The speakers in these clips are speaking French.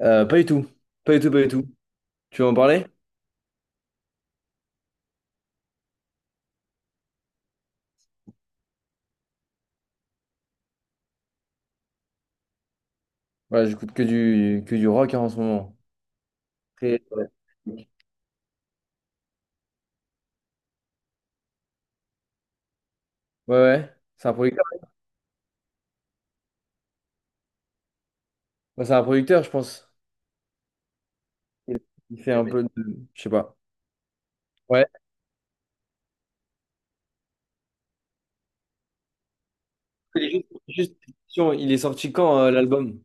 Pas du tout. Pas du tout, pas du tout. Tu veux en parler? Voilà, j'écoute que du rock hein, en ce moment. Très- Ouais, ouais. C'est un producteur. Bah, c'est un producteur, je pense. Il il fait un peu de. Je sais pas. Ouais. Juste, juste une question, il est sorti quand l'album?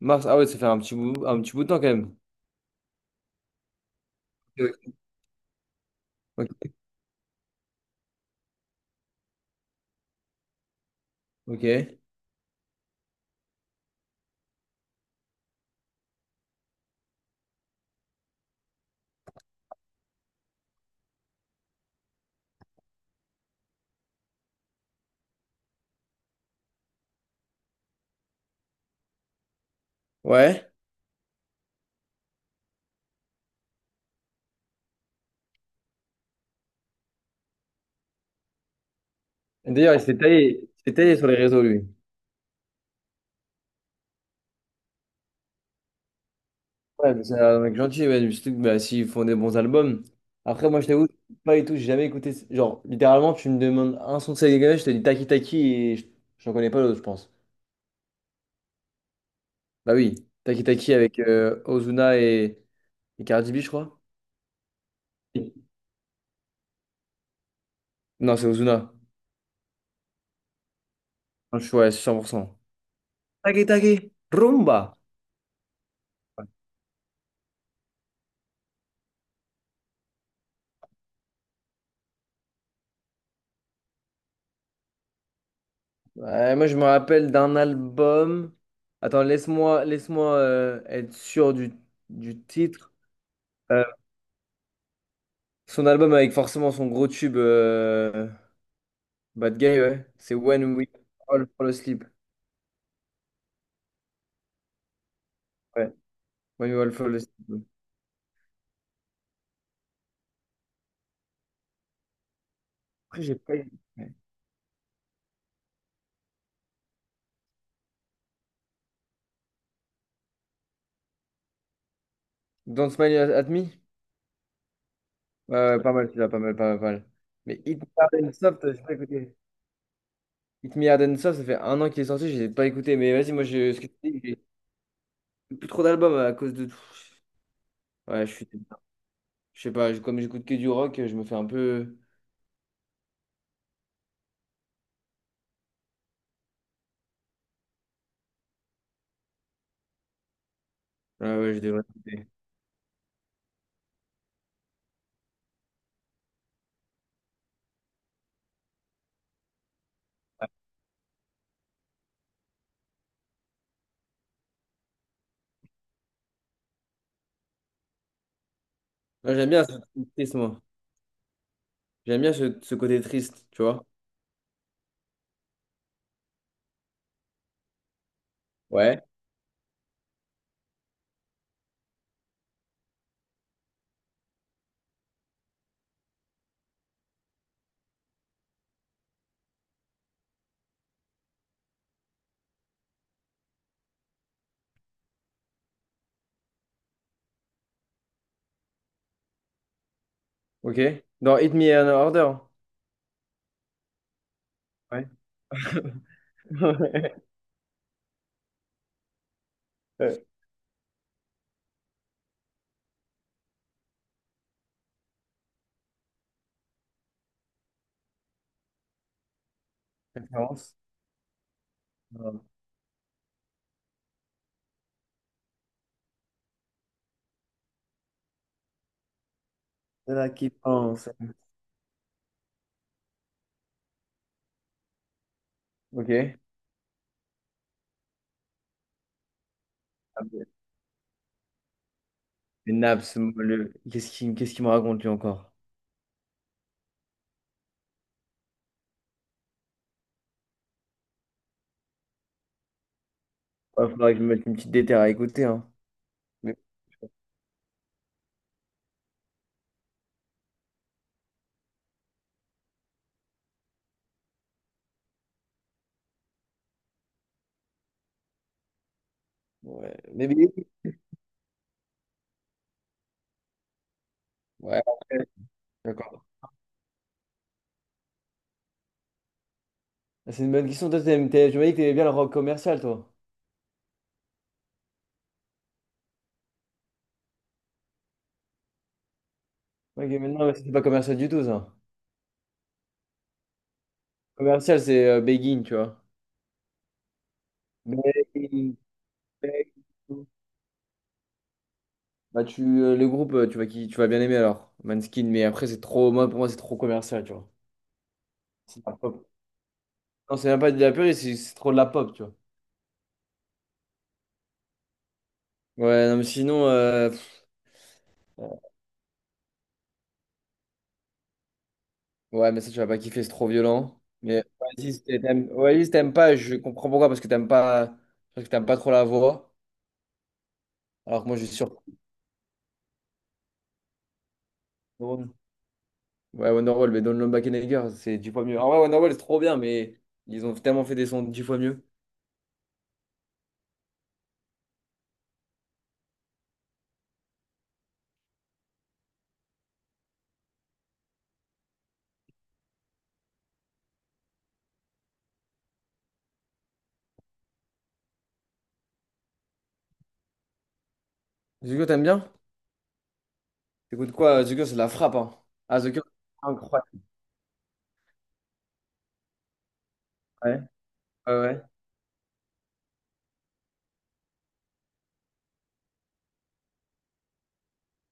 Mars. Ah ouais, ça fait un petit bout de temps quand même. Ok. Ok. Ouais. D'ailleurs, il s'est taillé sur les réseaux, lui. Ouais, mais c'est un mec gentil, ouais, surtout que bah, s'ils font des bons albums. Après, moi, je t'avoue, pas et tout, j'ai jamais écouté. Genre, littéralement, tu me demandes un son de Selena Gomez, je te dis Taki Taki et j'en connais pas l'autre, je pense. Bah oui, Taki Taki avec Ozuna et Cardi B, je crois. Non, c'est Ozuna. Je suis ouais, cent pour cent. Taki Taki, Rumba. Ouais, moi, je me rappelle d'un album. Attends, laisse-moi être sûr du titre. Euh, Son album avec forcément son gros tube. Bad Guy, ouais. C'est When We All Fall Asleep. Ouais. When We All Fall Asleep, ouais. Après, j'ai pas eu. Ouais. Don't Smile at Me? Ouais, ouais, pas mal, celui-là, pas mal, pas mal, pas mal. Mais Hit Me Hard and Soft, j'ai pas écouté. Hit Me Hard and Soft, ça fait un an qu'il est sorti, j'ai pas écouté. Mais vas-y, moi, je, ce que je dis, j'ai plus trop d'albums à cause de tout. Ouais, je suis. Je sais pas, comme j'écoute que du rock, je me fais un peu. Ouais, ouais, je devrais écouter. Moi, j'aime bien ce côté triste, moi. J'aime bien ce, ce côté triste, tu vois. Ouais. Ok. Dans Hit Me in Order. Ouais. Euh, préférence. Euh, C'est là qui pense. Ok. Ah ben, les naps, moi, le... qu'est-ce qu'il me raconte lui encore? Il faudrait que je me mette une petite déterre à écouter. Hein. Mais, ouais. Mais, ouais, après, d'accord. C'est une bonne question. Toi, je me dis que t'aimais bien le rock commercial, toi. Ouais, ok, mais non, mais c'est pas commercial du tout, ça. Commercial, c'est Begin, tu vois. Begin, Begin. Bah, tu, le groupe, tu vas, qui, tu vas bien aimer alors. Manskin, mais après, c'est trop. Moi, pour moi, c'est trop commercial, tu vois. Non, c'est même pas de la purée, c'est trop de la pop, tu vois. Ouais, non, mais sinon, ouais, mais ça, tu vas pas kiffer, c'est trop violent. Mais Oasis, Oasis, t'aimes pas, je comprends pourquoi, parce que t'aimes pas, parce que t'aimes pas trop la voix. Alors que moi, je suis surpris. Ouais, Wonderwall, mais Don't Look Back in Anger, c'est dix fois mieux. Ah ouais, Wonderwall, c'est trop bien, mais ils ont tellement fait des sons dix fois mieux. The Cure, t'aimes bien? T'écoutes quoi? The Cure, c'est de la frappe, hein. Ah, The Cure, c'est incroyable. Ouais, ouais, ouais.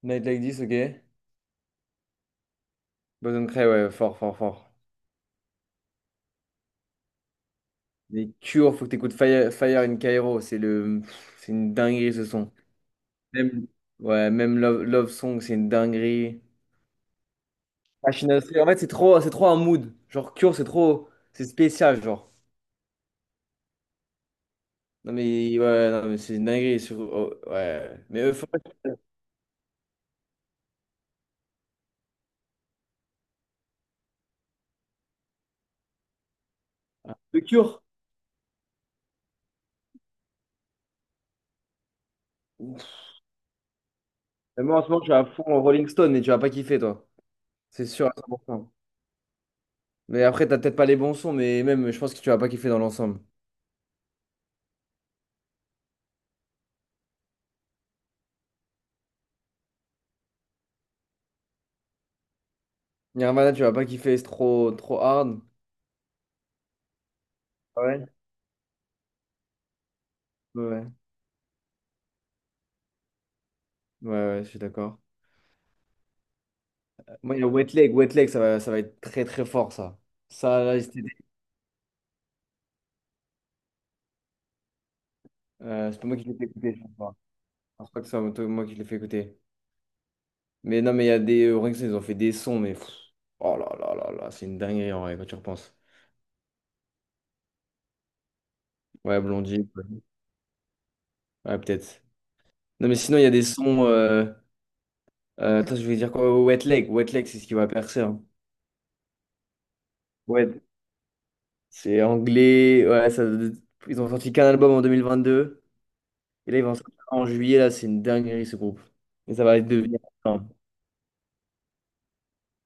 Night Like This, ok. Boys Don't Cry, ouais, fort, fort, fort. Les Cure, faut que t'écoutes Fire, Fire in Cairo, c'est le, c'est une dinguerie ce son. Même, ouais, même Love, Love Song, c'est une dinguerie. Machine à Sweat, en fait, c'est trop un mood. Genre Cure, c'est trop, c'est spécial, genre. Non mais ouais, non mais c'est une dinguerie. Sur, oh, ouais, mais faut pas que le Cure. Ouf. Mais moi en ce moment, je suis à fond en Rolling Stone et tu vas pas kiffer, toi. C'est sûr à 100%. Mais après, t'as peut-être pas les bons sons, mais même, je pense que tu vas pas kiffer dans l'ensemble. Nirvana, tu vas pas kiffer, c'est trop, trop hard. Ah ouais. Ouais, ouais, ouais, je suis d'accord. Moi, il y a Wet Leg. Wet Leg, ça va être très très fort, ça. Ça, là, c'était- c'est pas moi qui l'ai fait écouter, je crois. Je crois que moi qui l'ai fait écouter. Mais non, mais il y a des. Orelsan, ils ont fait des sons, mais, pff, oh là là là là, c'est une dinguerie en vrai, quand tu repenses. Ouais, Blondie. Ouais, ouais, peut-être. Non, mais sinon, il y a des sons. Attends, je vais dire quoi? Wet Leg. Wet Leg, c'est ce qui va percer, hein. Ouais, c'est anglais. Ouais, ça... Ils ont sorti qu'un album en 2022. Et là, ils vont en sortir un en juillet, là, c'est une dinguerie, ce groupe. Et ça va devenir.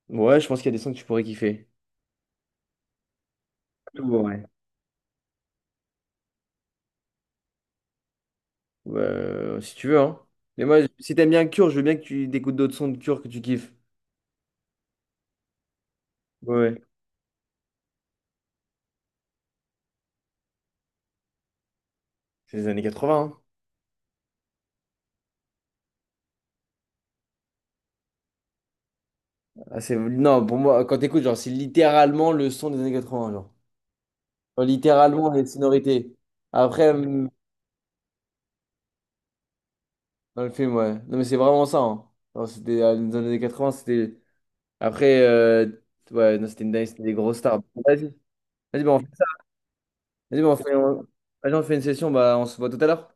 Ouais, je pense qu'il y a des sons que tu pourrais kiffer. Ouais. Si tu veux, hein. Mais moi, si t'aimes bien Cure, je veux bien que tu écoutes d'autres sons de Cure que tu kiffes. Ouais, ouais. C'est les années 80, hein. Ah, c'est... Non, pour moi, quand t'écoutes, genre, c'est littéralement le son des années 80, genre. Genre, littéralement les sonorités. Après, dans le film, ouais. Non, mais c'est vraiment ça, hein. Genre, c'était dans les années 80, c'était... Après, ouais, non, c'était une dingue, c'était des grosses stars. Vas-y, vas-y, bah, on fait... Vas-y, bah, on fait... Vas-y, on fait une session, bah, on se voit tout à l'heure.